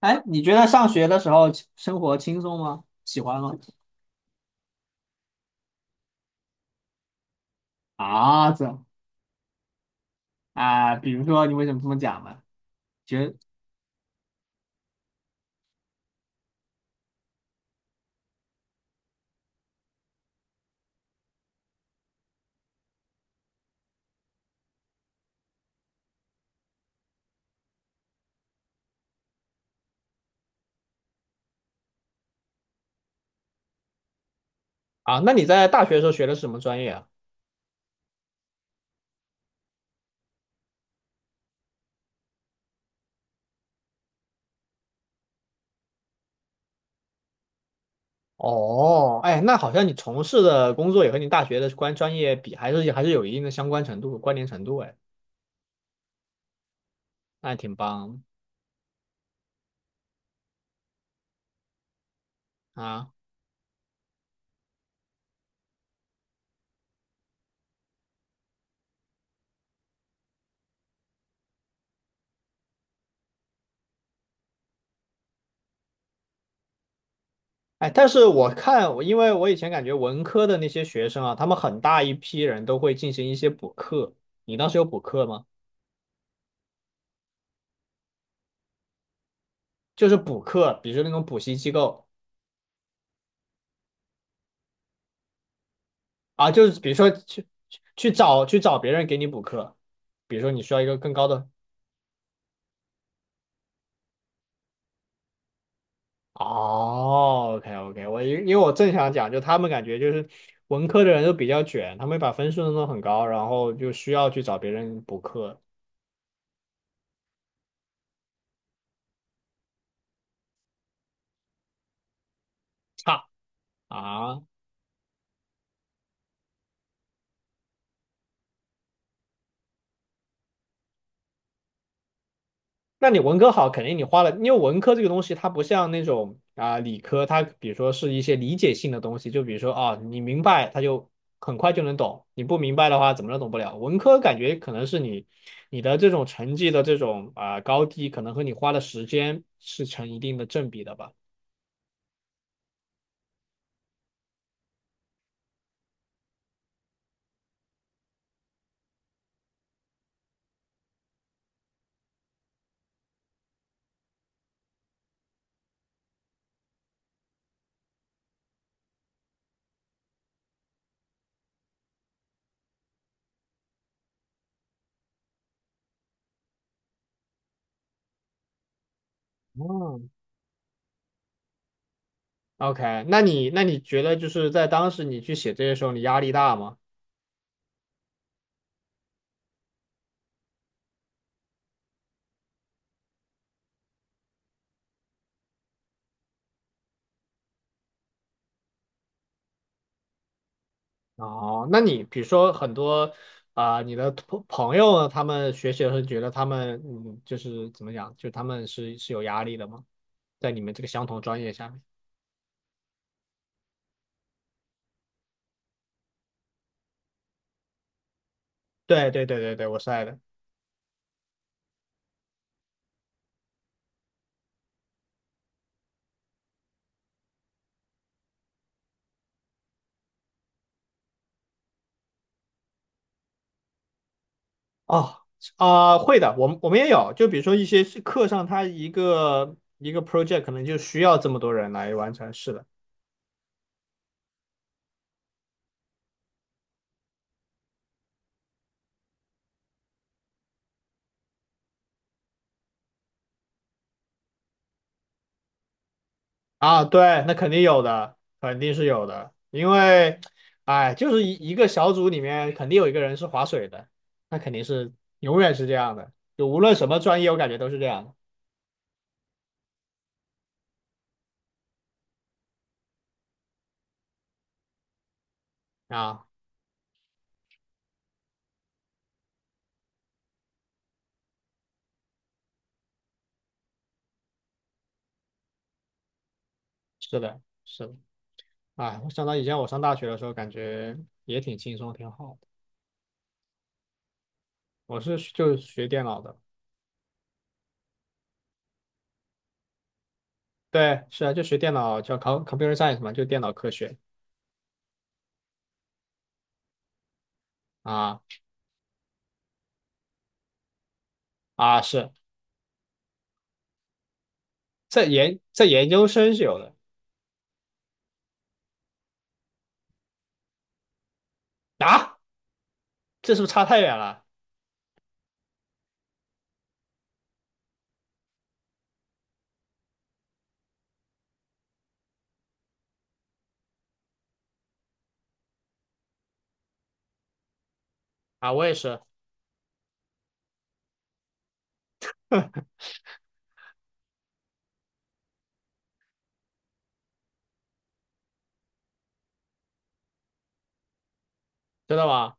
哎，你觉得上学的时候生活轻松吗？喜欢吗？啊，这样。啊，比如说你为什么这么讲呢？觉得啊，那你在大学的时候学的是什么专业啊？哦。哎，那好像你从事的工作也和你大学的关专业比，还是还是有一定的相关程度、关联程度，哎，那还挺棒啊。哎，但是我看，我因为我以前感觉文科的那些学生啊，他们很大一批人都会进行一些补课。你当时有补课吗？就是补课，比如说那种补习机构。啊，就是比如说去找别人给你补课，比如说你需要一个更高的。哦，OK，我因为我正想讲，就他们感觉就是文科的人都比较卷，他们把分数弄得很高，然后就需要去找别人补课。差啊，那你文科好，肯定你花了，因为文科这个东西，它不像那种啊、理科，它比如说是一些理解性的东西，就比如说啊，你明白它就很快就能懂，你不明白的话怎么都懂不了。文科感觉可能是你的这种成绩的这种啊、高低，可能和你花的时间是成一定的正比的吧。嗯， OK，那你觉得就是在当时你去写这些时候，你压力大吗？哦，那你比如说很多啊、你的朋友呢他们学习的时候觉得他们嗯，就是怎么讲，就他们是有压力的吗？在你们这个相同专业下面？对对对对对，我是爱的。哦，啊、会的，我们也有，就比如说一些是课上，它一个一个 project 可能就需要这么多人来完成，是的。啊，对，那肯定有的，肯定是有的，因为，哎，就是一个小组里面肯定有一个人是划水的，那肯定是永远是这样的，就无论什么专业，我感觉都是这样的啊。是的，是的，哎，我想到以前我上大学的时候，感觉也挺轻松，挺好的。我是就学电脑的。对，是啊，就学电脑叫 computer science 嘛，就电脑科学啊。啊，是在研究生是有的啊，这是不是差太远了啊？我也是。真的吗？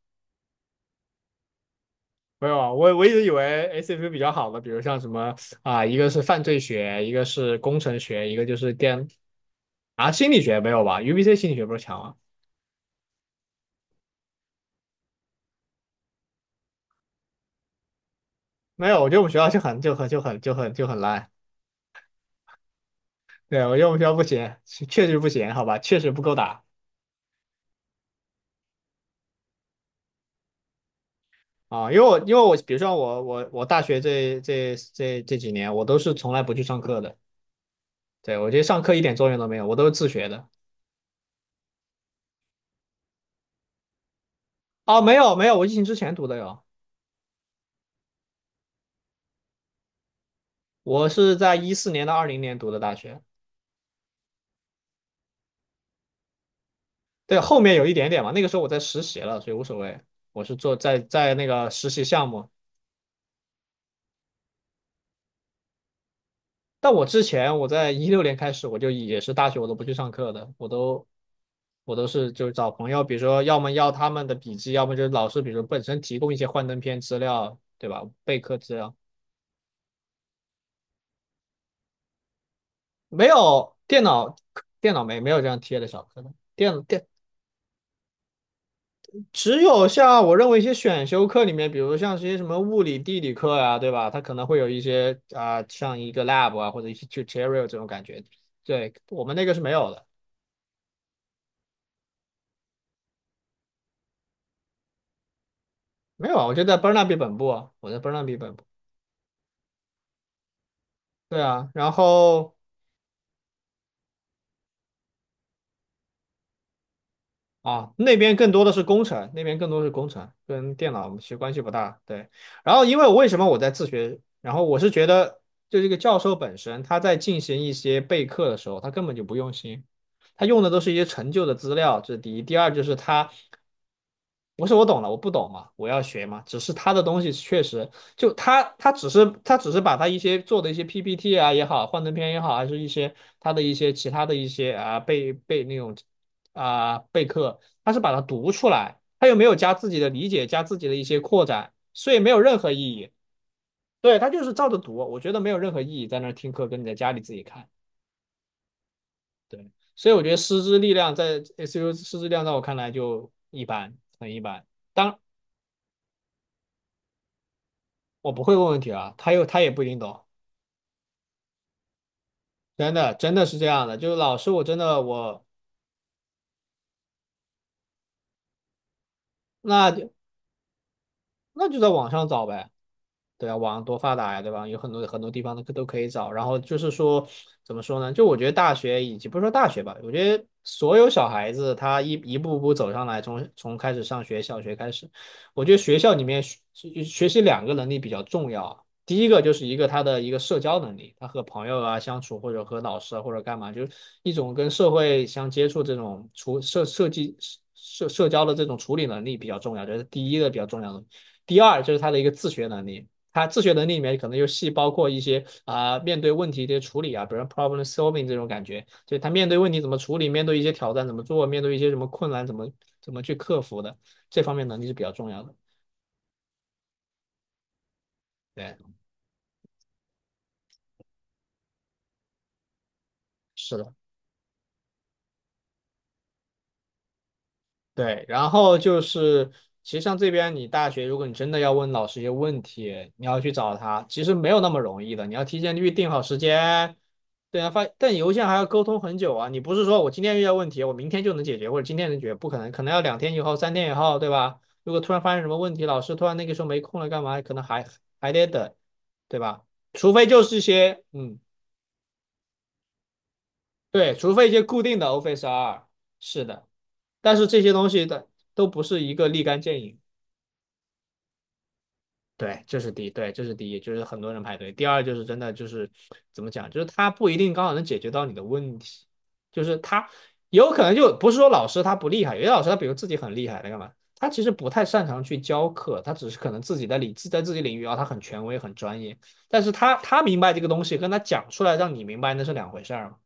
没有啊，我一直以为 ACP 比较好的，比如像什么啊，一个是犯罪学，一个是工程学，一个就是电啊心理学没有吧？UBC 心理学不是强吗？没有，我觉得我们学校就很烂。对，我觉得我们学校不行，确实不行，好吧，确实不够打啊。因为我因为我比如说我大学这几年，我都是从来不去上课的。对，我觉得上课一点作用都没有，我都是自学的。哦，没有没有，我疫情之前读的哟，我是在2014年到2020年读的大学。对，后面有一点点嘛，那个时候我在实习了，所以无所谓。我是做在那个实习项目，但我之前我在2016年开始，我就也是大学我都不去上课的，我都是就找朋友，比如说要么要他们的笔记，要么就是老师，比如说本身提供一些幻灯片资料，对吧？备课资料。没有电脑。没有这样贴的小课的。只有像我认为一些选修课里面，比如像这些什么物理、地理课啊，对吧？它可能会有一些啊、像一个 lab 啊，或者一些 tutorial 这种感觉。对，我们那个是没有的。没有啊。我就在 Burnaby 本部啊，我在 Burnaby 本部。对啊，然后啊，那边更多的是工程，那边更多是工程，跟电脑其实关系不大。对，然后因为我为什么我在自学，然后我是觉得，就这个教授本身他在进行一些备课的时候，他根本就不用心，他用的都是一些陈旧的资料，这是第一。第二就是他，不是我懂了，我不懂嘛，我要学嘛。只是他的东西确实，就他只是把他一些做的一些 PPT 啊也好，幻灯片也好，还是一些他的一些其他的一些啊备那种啊备课，他是把它读出来，他又没有加自己的理解，加自己的一些扩展，所以没有任何意义。对，他就是照着读，我觉得没有任何意义，在那儿听课跟你在家里自己看。对，所以我觉得师资力量在 SU 师资力量在我看来就一般，很一般。当我不会问问题啊，他又他也不一定懂，真的真的是这样的。就是老师，我真的我那就那就在网上找呗。对啊，网上多发达呀，对吧？有很多很多地方都都可以找。然后就是说，怎么说呢？就我觉得大学以及不是说大学吧，我觉得所有小孩子他一步步走上来，从开始上学，小学开始，我觉得学校里面学习两个能力比较重要啊。第一个就是一个他的一个社交能力，他和朋友啊相处，或者和老师啊，或者干嘛，就是一种跟社会相接触这种处社设计社社交的这种处理能力比较重要，这是第一个比较重要的。第二就是他的一个自学能力。他自学能力里面可能又细包括一些啊、面对问题的处理啊，比如 problem solving 这种感觉，就他面对问题怎么处理，面对一些挑战怎么做，面对一些什么困难怎么去克服的，这方面能力是比较重要的。对，是的。对，然后就是其实像这边你大学，如果你真的要问老师一些问题，你要去找他，其实没有那么容易的，你要提前预定好时间。对啊，发但邮件还要沟通很久啊，你不是说我今天遇到问题，我明天就能解决，或者今天能解决，不可能，可能要两天以后、三天以后，对吧？如果突然发生什么问题，老师突然那个时候没空了，干嘛？可能还得等，对吧？除非就是一些，嗯，对，除非一些固定的 Office R，是的，但是这些东西的都不是一个立竿见影。对，这是第一，对，这是第一，就是很多人排队。第二就是真的就是怎么讲，就是他不一定刚好能解决到你的问题，就是他有可能就不是说老师他不厉害，有些老师他比如自己很厉害，他干嘛？他其实不太擅长去教课，他只是可能自己的领在自己领域啊，他很权威很专业，但是他明白这个东西，跟他讲出来让你明白那是两回事儿嘛。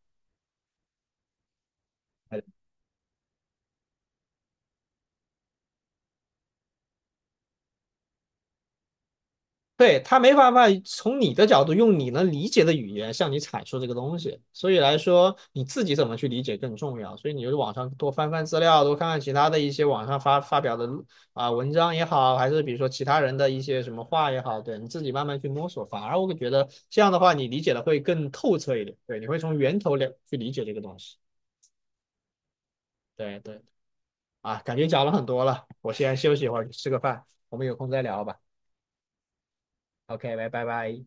对，他没办法从你的角度用你能理解的语言向你阐述这个东西，所以来说你自己怎么去理解更重要。所以你就是网上多翻翻资料，多看看其他的一些网上发表的啊、文章也好，还是比如说其他人的一些什么话也好，对你自己慢慢去摸索。反而我会觉得这样的话，你理解的会更透彻一点。对，你会从源头了去理解这个东西。对对啊，感觉讲了很多了，我先休息一会儿，吃个饭，我们有空再聊吧。OK，拜拜拜。